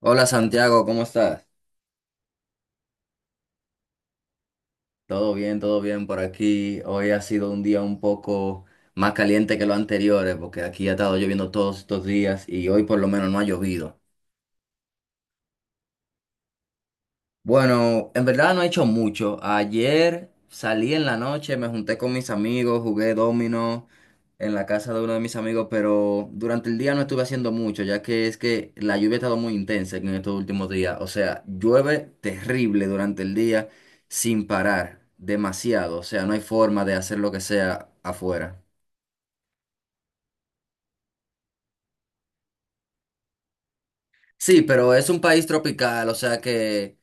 Hola Santiago, ¿cómo estás? Todo bien por aquí. Hoy ha sido un día un poco más caliente que los anteriores porque aquí ha estado lloviendo todos estos días y hoy por lo menos no ha llovido. Bueno, en verdad no he hecho mucho. Ayer salí en la noche, me junté con mis amigos, jugué dominó en la casa de uno de mis amigos, pero durante el día no estuve haciendo mucho, ya que es que la lluvia ha estado muy intensa en estos últimos días. O sea, llueve terrible durante el día sin parar, demasiado. O sea, no hay forma de hacer lo que sea afuera. Sí, pero es un país tropical, o sea que...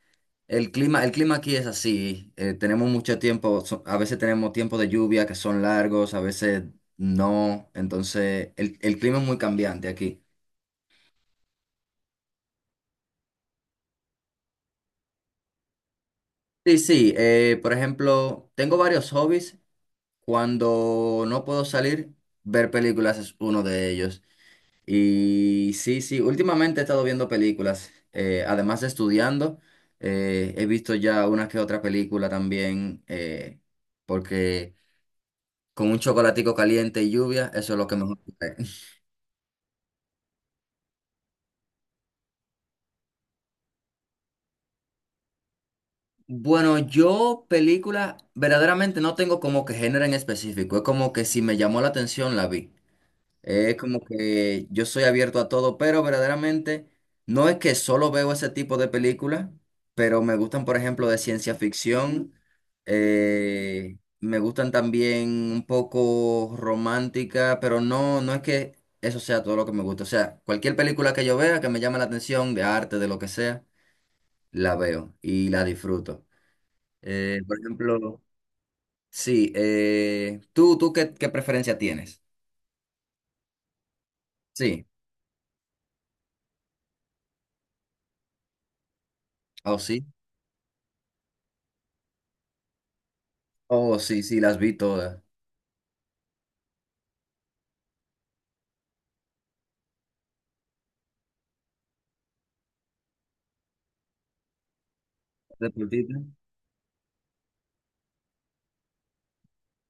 El clima aquí es así. Tenemos mucho tiempo, a veces tenemos tiempos de lluvia que son largos, a veces no. Entonces, el clima es muy cambiante aquí. Sí, sí. Por ejemplo, tengo varios hobbies. Cuando no puedo salir, ver películas es uno de ellos. Y sí, sí, últimamente he estado viendo películas, además de estudiando. He visto ya una que otra película también, porque... Con un chocolatico caliente y lluvia, eso es lo que mejor me cae. Bueno, yo película verdaderamente no tengo como que género en específico. Es como que si me llamó la atención, la vi. Es como que yo soy abierto a todo, pero verdaderamente no es que solo veo ese tipo de películas, pero me gustan, por ejemplo, de ciencia ficción, me gustan también un poco romántica, pero no, no es que eso sea todo lo que me gusta. O sea, cualquier película que yo vea que me llame la atención, de arte, de lo que sea, la veo y la disfruto. Por ejemplo, sí, ¿tú qué preferencia tienes? Sí, o sí. Oh, sí, sí, las vi todas. ¿Deportista?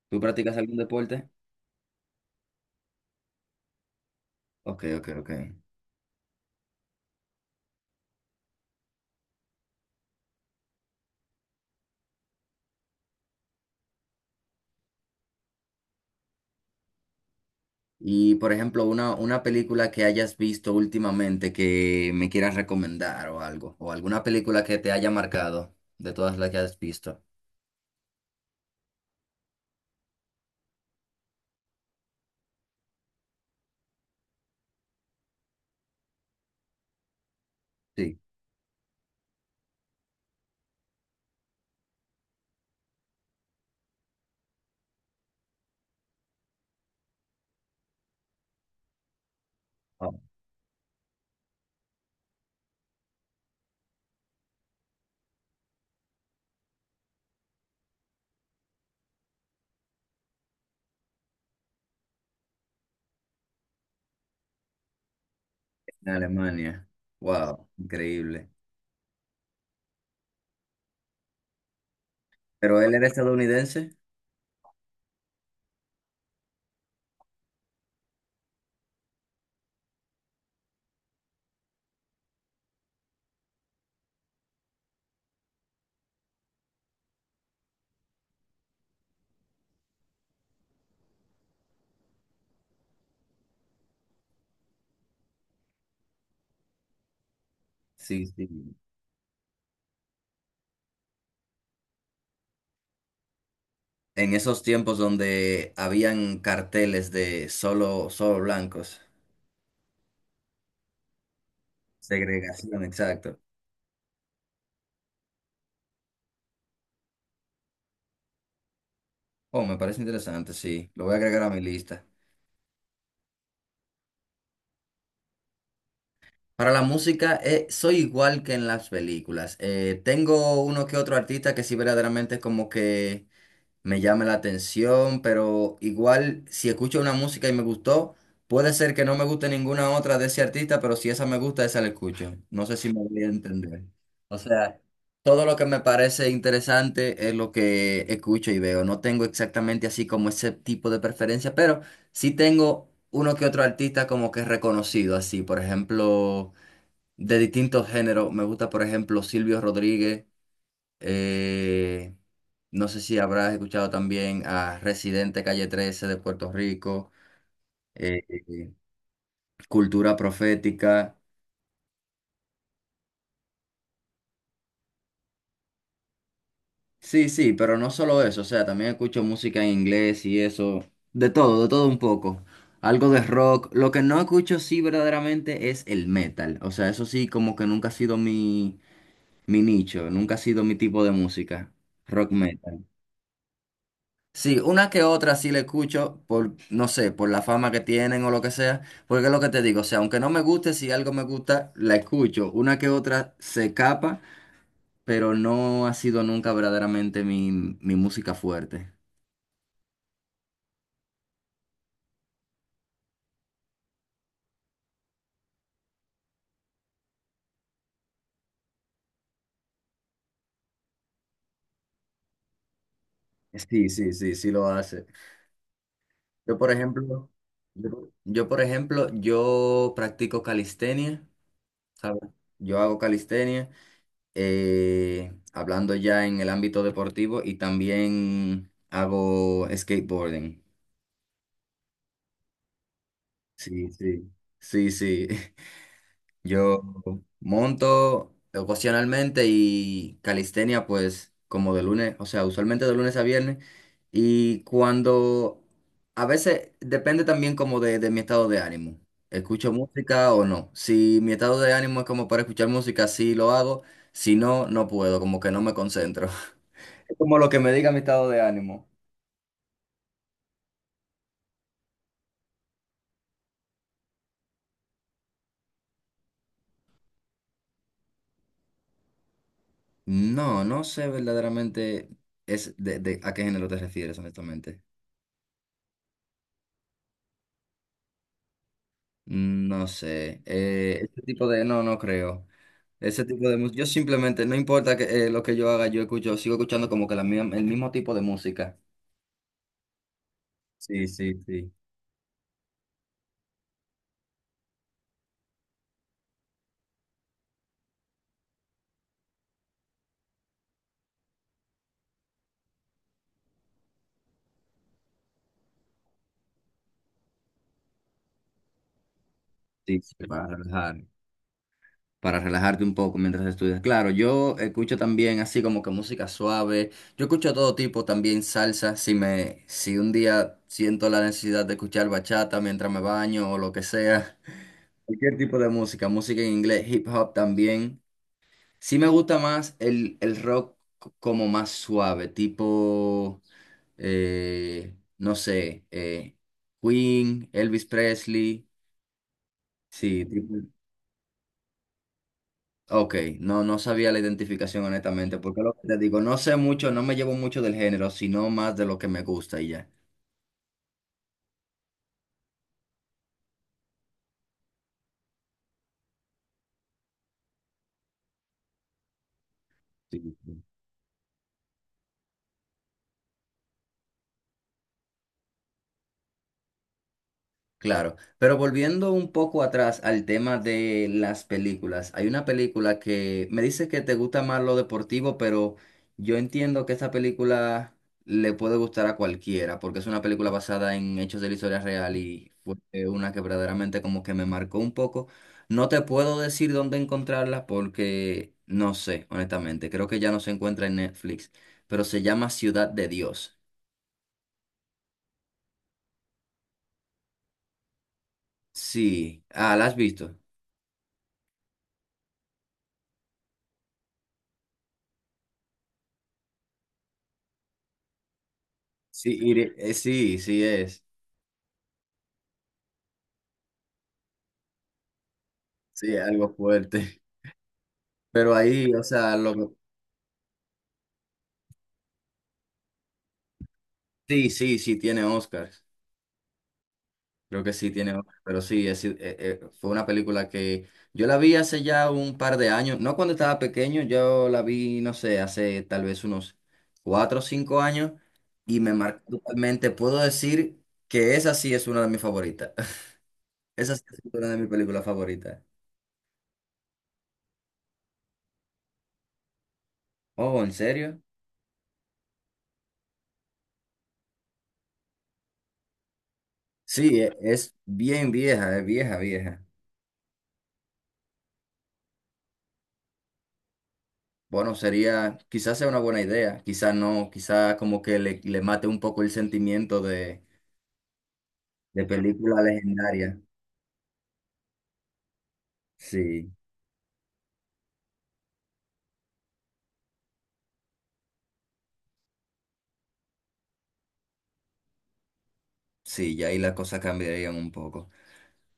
¿Tú practicas algún deporte? Ok, ok, ok. Y por ejemplo, una película que hayas visto últimamente que me quieras recomendar o algo, o alguna película que te haya marcado de todas las que has visto. Sí. Oh, en Alemania. Wow, increíble. ¿Pero él era estadounidense? Sí, sí. En esos tiempos donde habían carteles de solo blancos. Segregación, exacto. Oh, me parece interesante, sí. Lo voy a agregar a mi lista. Para la música, soy igual que en las películas. Tengo uno que otro artista que sí verdaderamente como que me llame la atención, pero igual si escucho una música y me gustó, puede ser que no me guste ninguna otra de ese artista, pero si esa me gusta, esa la escucho. No sé si me voy a entender. O sea, todo lo que me parece interesante es lo que escucho y veo. No tengo exactamente así como ese tipo de preferencia, pero sí tengo uno que otro artista como que reconocido así, por ejemplo, de distintos géneros. Me gusta, por ejemplo, Silvio Rodríguez. Eh, no sé si habrás escuchado también a Residente Calle Trece de Puerto Rico, eh, eh, Cultura Profética. Sí, sí, pero no solo eso, o sea, también escucho música en inglés y eso, de todo un poco. Algo de rock. Lo que no escucho sí verdaderamente es el metal. O sea, eso sí como que nunca ha sido mi nicho, nunca ha sido mi tipo de música, rock metal. Sí, una que otra sí le escucho por, no sé, por la fama que tienen o lo que sea, porque es lo que te digo, o sea, aunque no me guste, si algo me gusta, la escucho. Una que otra se escapa, pero no ha sido nunca verdaderamente mi música fuerte. Sí, sí, sí, sí lo hace. Yo, por ejemplo, por ejemplo, yo practico calistenia, ¿sabes? Yo hago calistenia, hablando ya en el ámbito deportivo y también hago skateboarding. Sí, sí, sí, sí. Yo monto ocasionalmente y calistenia pues como de lunes, o sea, usualmente de lunes a viernes. Y cuando, a veces depende también como de mi estado de ánimo. ¿Escucho música o no? Si mi estado de ánimo es como para escuchar música, sí lo hago. Si no, no puedo, como que no me concentro. Es como lo que me diga mi estado de ánimo. No, no sé verdaderamente es a qué género te refieres, honestamente. No sé, ese tipo de, no, no creo. Ese tipo de música, yo simplemente, no importa que, lo que yo haga, yo escucho, sigo escuchando como que el mismo tipo de música. Sí, sí, sí. Sí, sí, para relajar, para relajarte un poco mientras estudias. Claro, yo escucho también así como que música suave. Yo escucho todo tipo, también salsa. Si me, si un día siento la necesidad de escuchar bachata mientras me baño o lo que sea, cualquier tipo de música, música en inglés, hip hop también. Sí me gusta más el rock como más suave, tipo, no sé, Queen, Elvis Presley, sí, tipo, ok, no, no sabía la identificación honestamente, porque lo que te digo, no sé mucho, no me llevo mucho del género, sino más de lo que me gusta y ya. Sí. Claro, pero volviendo un poco atrás al tema de las películas, hay una película que me dice que te gusta más lo deportivo, pero yo entiendo que esta película le puede gustar a cualquiera, porque es una película basada en hechos de la historia real y fue una que verdaderamente como que me marcó un poco. No te puedo decir dónde encontrarla porque no sé, honestamente, creo que ya no se encuentra en Netflix, pero se llama Ciudad de Dios. Sí, ah, ¿la has visto? Sí, sí, sí es. Sí, algo fuerte. Pero ahí, o sea, sí, sí, sí tiene Oscars. Creo que sí tiene Oscars. Pero sí, es, fue una película que yo la vi hace ya un par de años. No cuando estaba pequeño, yo la vi, no sé, hace tal vez unos cuatro o cinco años y me marcó totalmente. Puedo decir que esa sí es una de mis favoritas. Esa sí es una de mis películas favoritas. Oh, ¿en serio? Sí, es bien vieja, es vieja, vieja. Bueno, sería, quizás sea una buena idea, quizás no, quizás como que le mate un poco el sentimiento de película legendaria. Sí, sí, y ahí las cosas cambiarían un poco.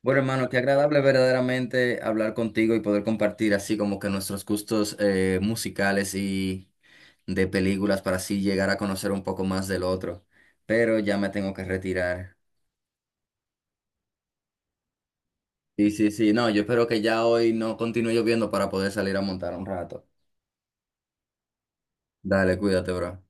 Bueno, hermano, qué agradable verdaderamente hablar contigo y poder compartir así como que nuestros gustos musicales y de películas para así llegar a conocer un poco más del otro. Pero ya me tengo que retirar. Sí, sí, sí, no, yo espero que ya hoy no continúe lloviendo para poder salir a montar un rato. Dale, cuídate, bro.